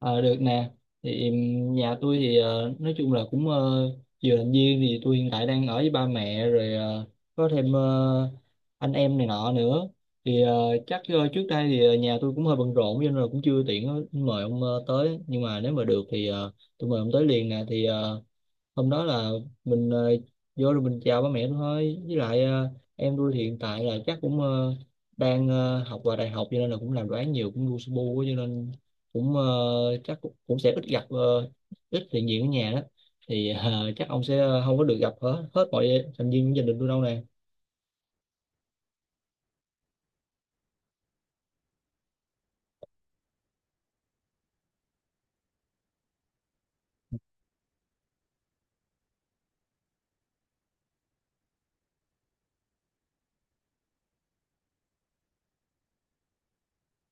Ờ, được nè. Thì nhà tôi thì nói chung là vừa làm viên thì tôi hiện tại đang ở với ba mẹ rồi, có thêm anh em này nọ nữa. Thì ờ, chắc ờ, trước đây thì ờ, nhà tôi cũng hơi bận rộn cho nên là cũng chưa tiện mời ông tới, nhưng mà nếu mà được thì tôi mời ông tới liền nè. Thì hôm đó là mình vô rồi mình chào ba mẹ thôi, với lại em tôi thì hiện tại là chắc cũng ờ, đang ờ, học vào đại học, cho nên là cũng làm đồ án nhiều, cũng lu su bu á, cho nên cũng ờ, chắc cũng sẽ ít gặp, ít hiện diện ở nhà đó. Thì chắc ông sẽ không có được gặp hết hết mọi thành viên gia đình tôi đâu nè.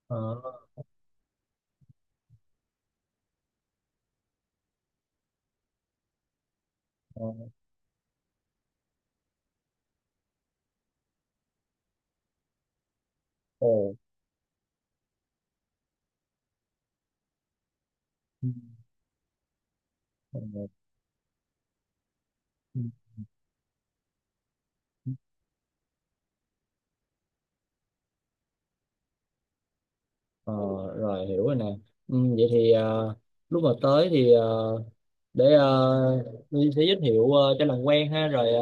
Ờ. Ờ. Ồ. Ừ. Ờ. Ừ. Ừ. Ờ, rồi hiểu rồi nè. Ừ, vậy thì lúc mà tới thì ờ, để Nhi sẽ giới thiệu cho làm quen ha, rồi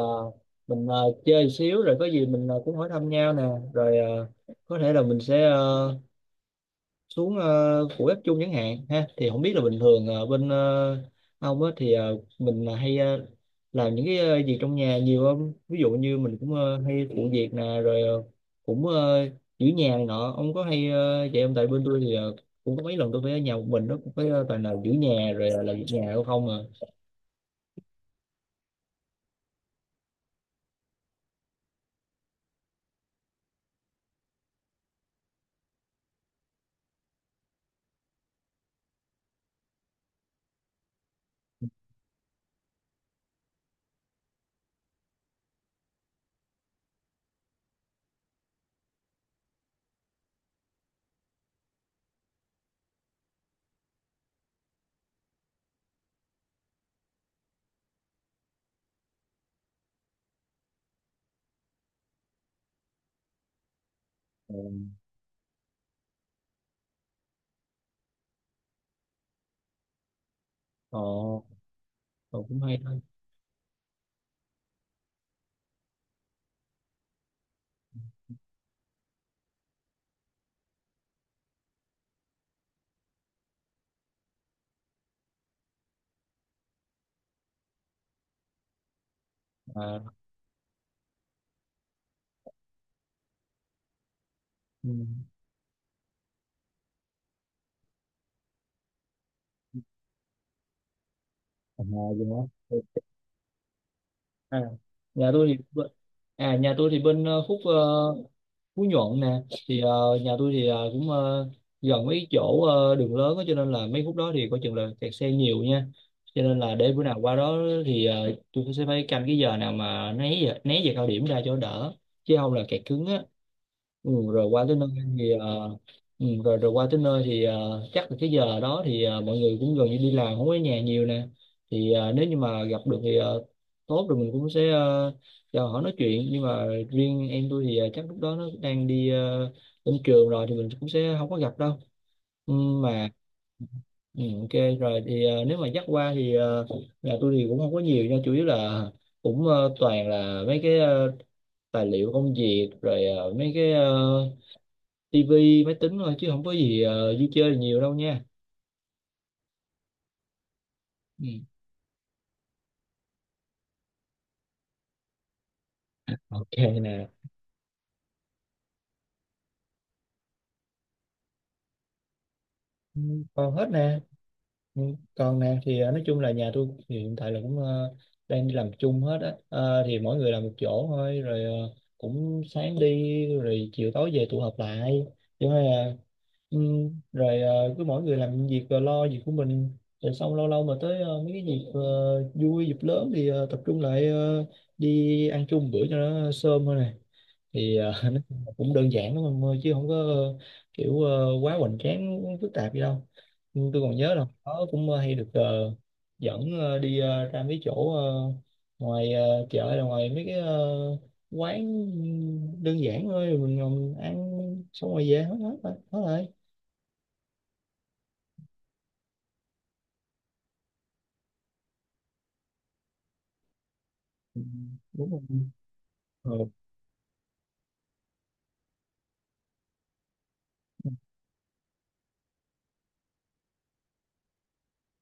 mình chơi xíu rồi có gì mình cũng hỏi thăm nhau nè. Rồi có thể là mình sẽ xuống của bếp chung chẳng hạn ha. Thì không biết là bình thường ông á thì mình là hay làm những cái việc trong nhà nhiều không? Ví dụ như mình cũng hay phụ việc nè, rồi cũng ờ, giữ nhà này nọ. Ông có hay vậy không? Tại bên tôi thì cũng có mấy lần tôi phải ở nhà một mình đó, cũng phải toàn là giữ nhà rồi là làm việc nhà đâu không à. Ừ. Ồ, cậu cũng hay thôi. À, ừ. Ở nhà gì đó. Ừ. À, nhà tôi thì bên- à, nhà tôi thì bên Phú Nhuận nè. Thì nhà tôi thì gần mấy chỗ đường lớn á, cho nên là mấy khúc đó thì coi chừng là kẹt xe nhiều nha. Cho nên là để bữa nào qua đó thì tôi sẽ phải canh cái giờ nào mà né giờ cao điểm ra cho đỡ, chứ không là kẹt cứng á. Ừ, rồi qua tới nơi thì ờ, ừ, rồi rồi qua tới nơi thì chắc là cái giờ đó thì mọi người cũng gần như đi làm, không có ở nhà nhiều nè. Thì nếu như mà gặp được thì tốt rồi, mình cũng sẽ uh, cho họ nói chuyện. Nhưng mà riêng em tôi thì chắc lúc đó nó đang đi lên trường rồi, thì mình cũng sẽ không có gặp đâu. Ừ, mà ừ, ok rồi. Thì nếu mà dắt qua thì nhà tôi thì cũng không có nhiều nha, chủ yếu là toàn là mấy cái tài liệu công việc, rồi mấy cái tivi máy tính thôi, chứ không có gì vui chơi nhiều đâu nha. Ừ. Ok nè. Ừ, còn hết nè. Ừ. Còn nè. Thì nói chung là nhà tôi thì hiện tại là đang đi làm chung hết á. Ờ, thì mỗi người làm một chỗ thôi, rồi cũng sáng đi rồi chiều tối về tụ họp lại chứ mà. Ừ, rồi cứ mỗi người làm việc rồi lo việc của mình, rồi xong lâu lâu mà tới mấy cái dịp vui, dịp lớn thì tập trung lại đi ăn chung bữa cho nó sơm thôi nè. Thì nó cũng đơn giản lắm em ơi, chứ không có quá hoành tráng phức tạp gì đâu. Nhưng tôi còn nhớ là nó cũng hay được dẫn ra mấy chỗ ngoài chợ, hay là ngoài mấy cái quán đơn giản thôi. Mình ngồi ăn xong rồi về hết hết rồi hết rồi. Ừ, đúng rồi. Ừ.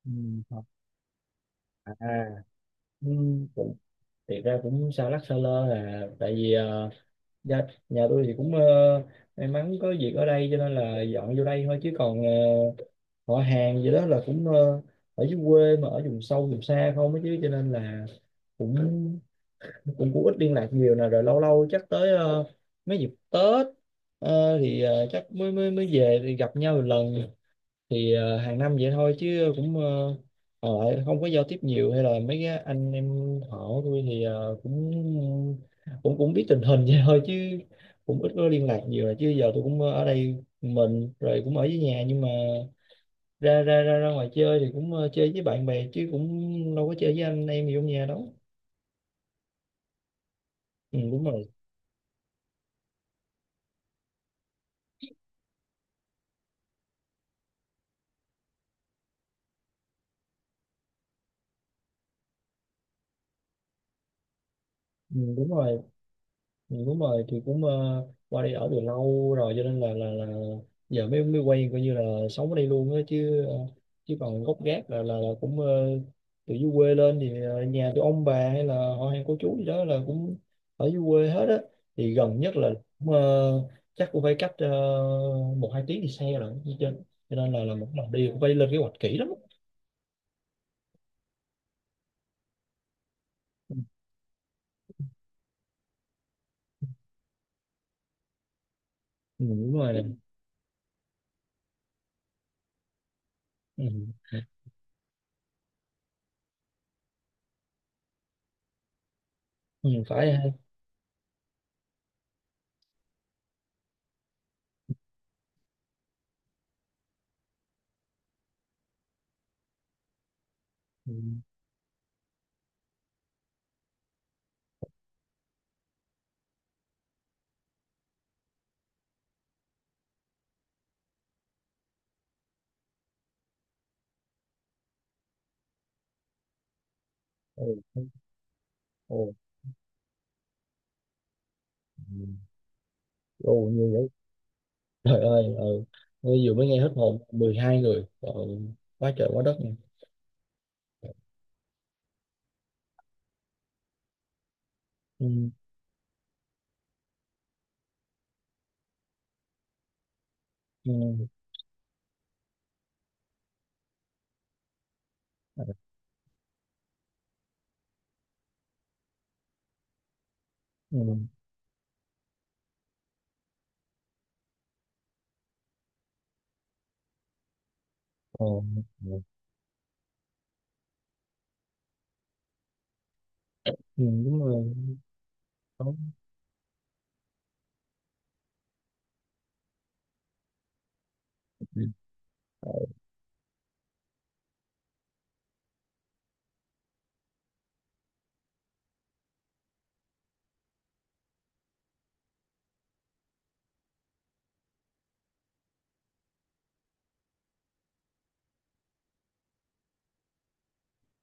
Ừ. Thật. Ừ, cũng- thiệt ra cũng xa lắc xa lơ, là tại vì dạ, nhà tôi thì may mắn có việc ở đây cho nên là dọn vô đây thôi, chứ còn họ hàng gì đó là ở dưới quê mà ở vùng sâu vùng xa không ấy chứ, cho nên là cũng cũng cũng ít liên lạc nhiều nè. Rồi lâu lâu chắc tới mấy dịp Tết, thì chắc mới mới mới về thì gặp nhau một lần. Thì hàng năm vậy thôi, chứ cũng còn lại không có giao tiếp nhiều. Hay là mấy cái anh em họ của tôi thì cũng cũng cũng biết tình hình vậy thôi, chứ cũng ít có liên lạc nhiều. Là chứ giờ tôi cũng ở đây mình rồi, cũng ở với nhà, nhưng mà ra ra ra ra ngoài chơi thì cũng chơi với bạn bè, chứ cũng đâu có chơi với anh em gì trong nhà đâu. Ừ, đúng rồi. Ừ, đúng rồi. Ừ, đúng rồi. Thì cũng qua đây ở từ lâu rồi, cho nên là giờ mới mới quen, coi như là sống ở đây luôn á, chứ ờ, chứ còn gốc gác là cũng từ dưới quê lên. Thì nhà từ ông bà hay là họ hàng cô chú gì đó là cũng ở dưới quê hết á. Thì gần nhất là cũng, chắc cũng phải cách một hai tiếng thì xe rồi chứ trên, cho nên là một lần đi cũng phải lên kế hoạch kỹ lắm. Ừ, đúng rồi. Ừ. Ừ, phải ha. Ừ. Ừ. Ừ. Ồ, nhiều dữ. Trời ơi. Ừ. Tôi vừa mới nghe hết hồn 12 người rồi. Quá trời quá đất nha. Ừ. Ừ. Ừ. Ừ. Ờ. Ừ. Ừ, đúng rồi. Có- ờ,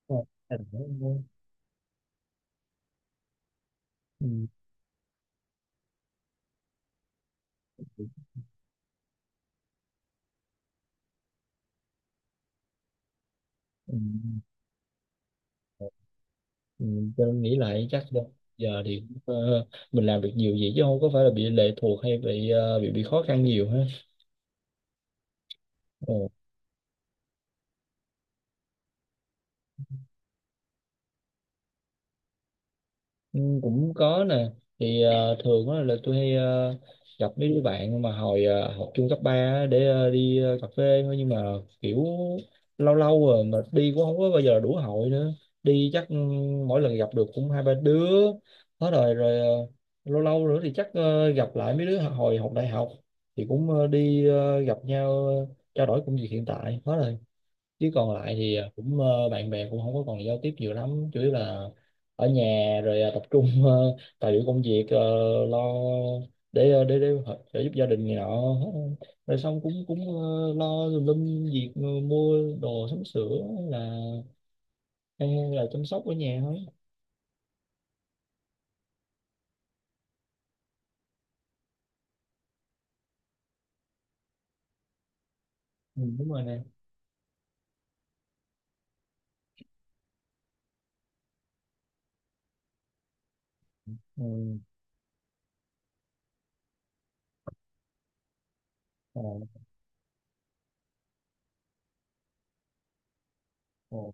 ừ. Ừ. Ừ. Ờ. Ừ. Tôi nghĩ lại chắc đâu giờ thì mình làm được nhiều vậy, chứ không có phải là bị lệ thuộc, hay bị khó khăn nhiều ha. Ờ. Ừ, cũng có nè. Thì thường á là tôi hay gặp mấy đứa bạn mà hồi học chung cấp 3 á, để cà phê thôi, nhưng mà kiểu lâu lâu rồi, mà đi cũng không có bao giờ đủ hội nữa. Đi chắc ừ, mỗi lần gặp được cũng hai ba đứa hết rồi. Rồi lâu lâu nữa thì chắc gặp lại mấy đứa hồi học đại học. Thì cũng gặp nhau, trao đổi công việc hiện tại hết rồi. Chứ còn lại thì à, cũng bạn bè cũng không có còn giao tiếp nhiều lắm, chủ yếu là ở nhà. Rồi à, tập trung tài liệu công việc, lo, để trợ giúp gia đình này nọ. Rồi xong cũng cũng ờ, lo tùm lum việc, mua đồ sắm sửa, hay là hay chăm sóc ở nhà thôi. Ừ, đúng rồi nè. Ừ. Ồ. Ồ.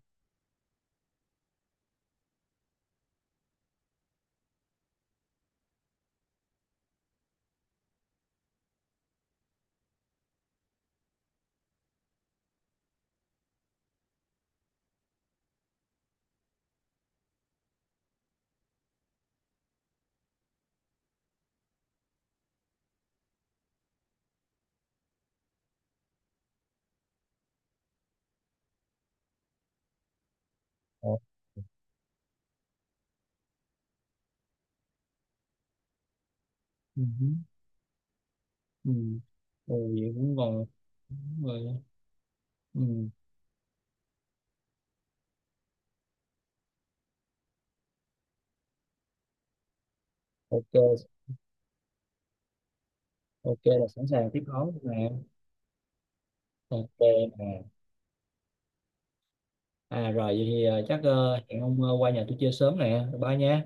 Ồ. Ừ. Ừ. Ừ, vậy cũng còn đúng rồi. Ừ. Ok. Ok là sẵn sàng tiếp đón nè. Ok nè. À rồi vậy thì hẹn ông qua nhà tôi chơi sớm nè. Ba nha.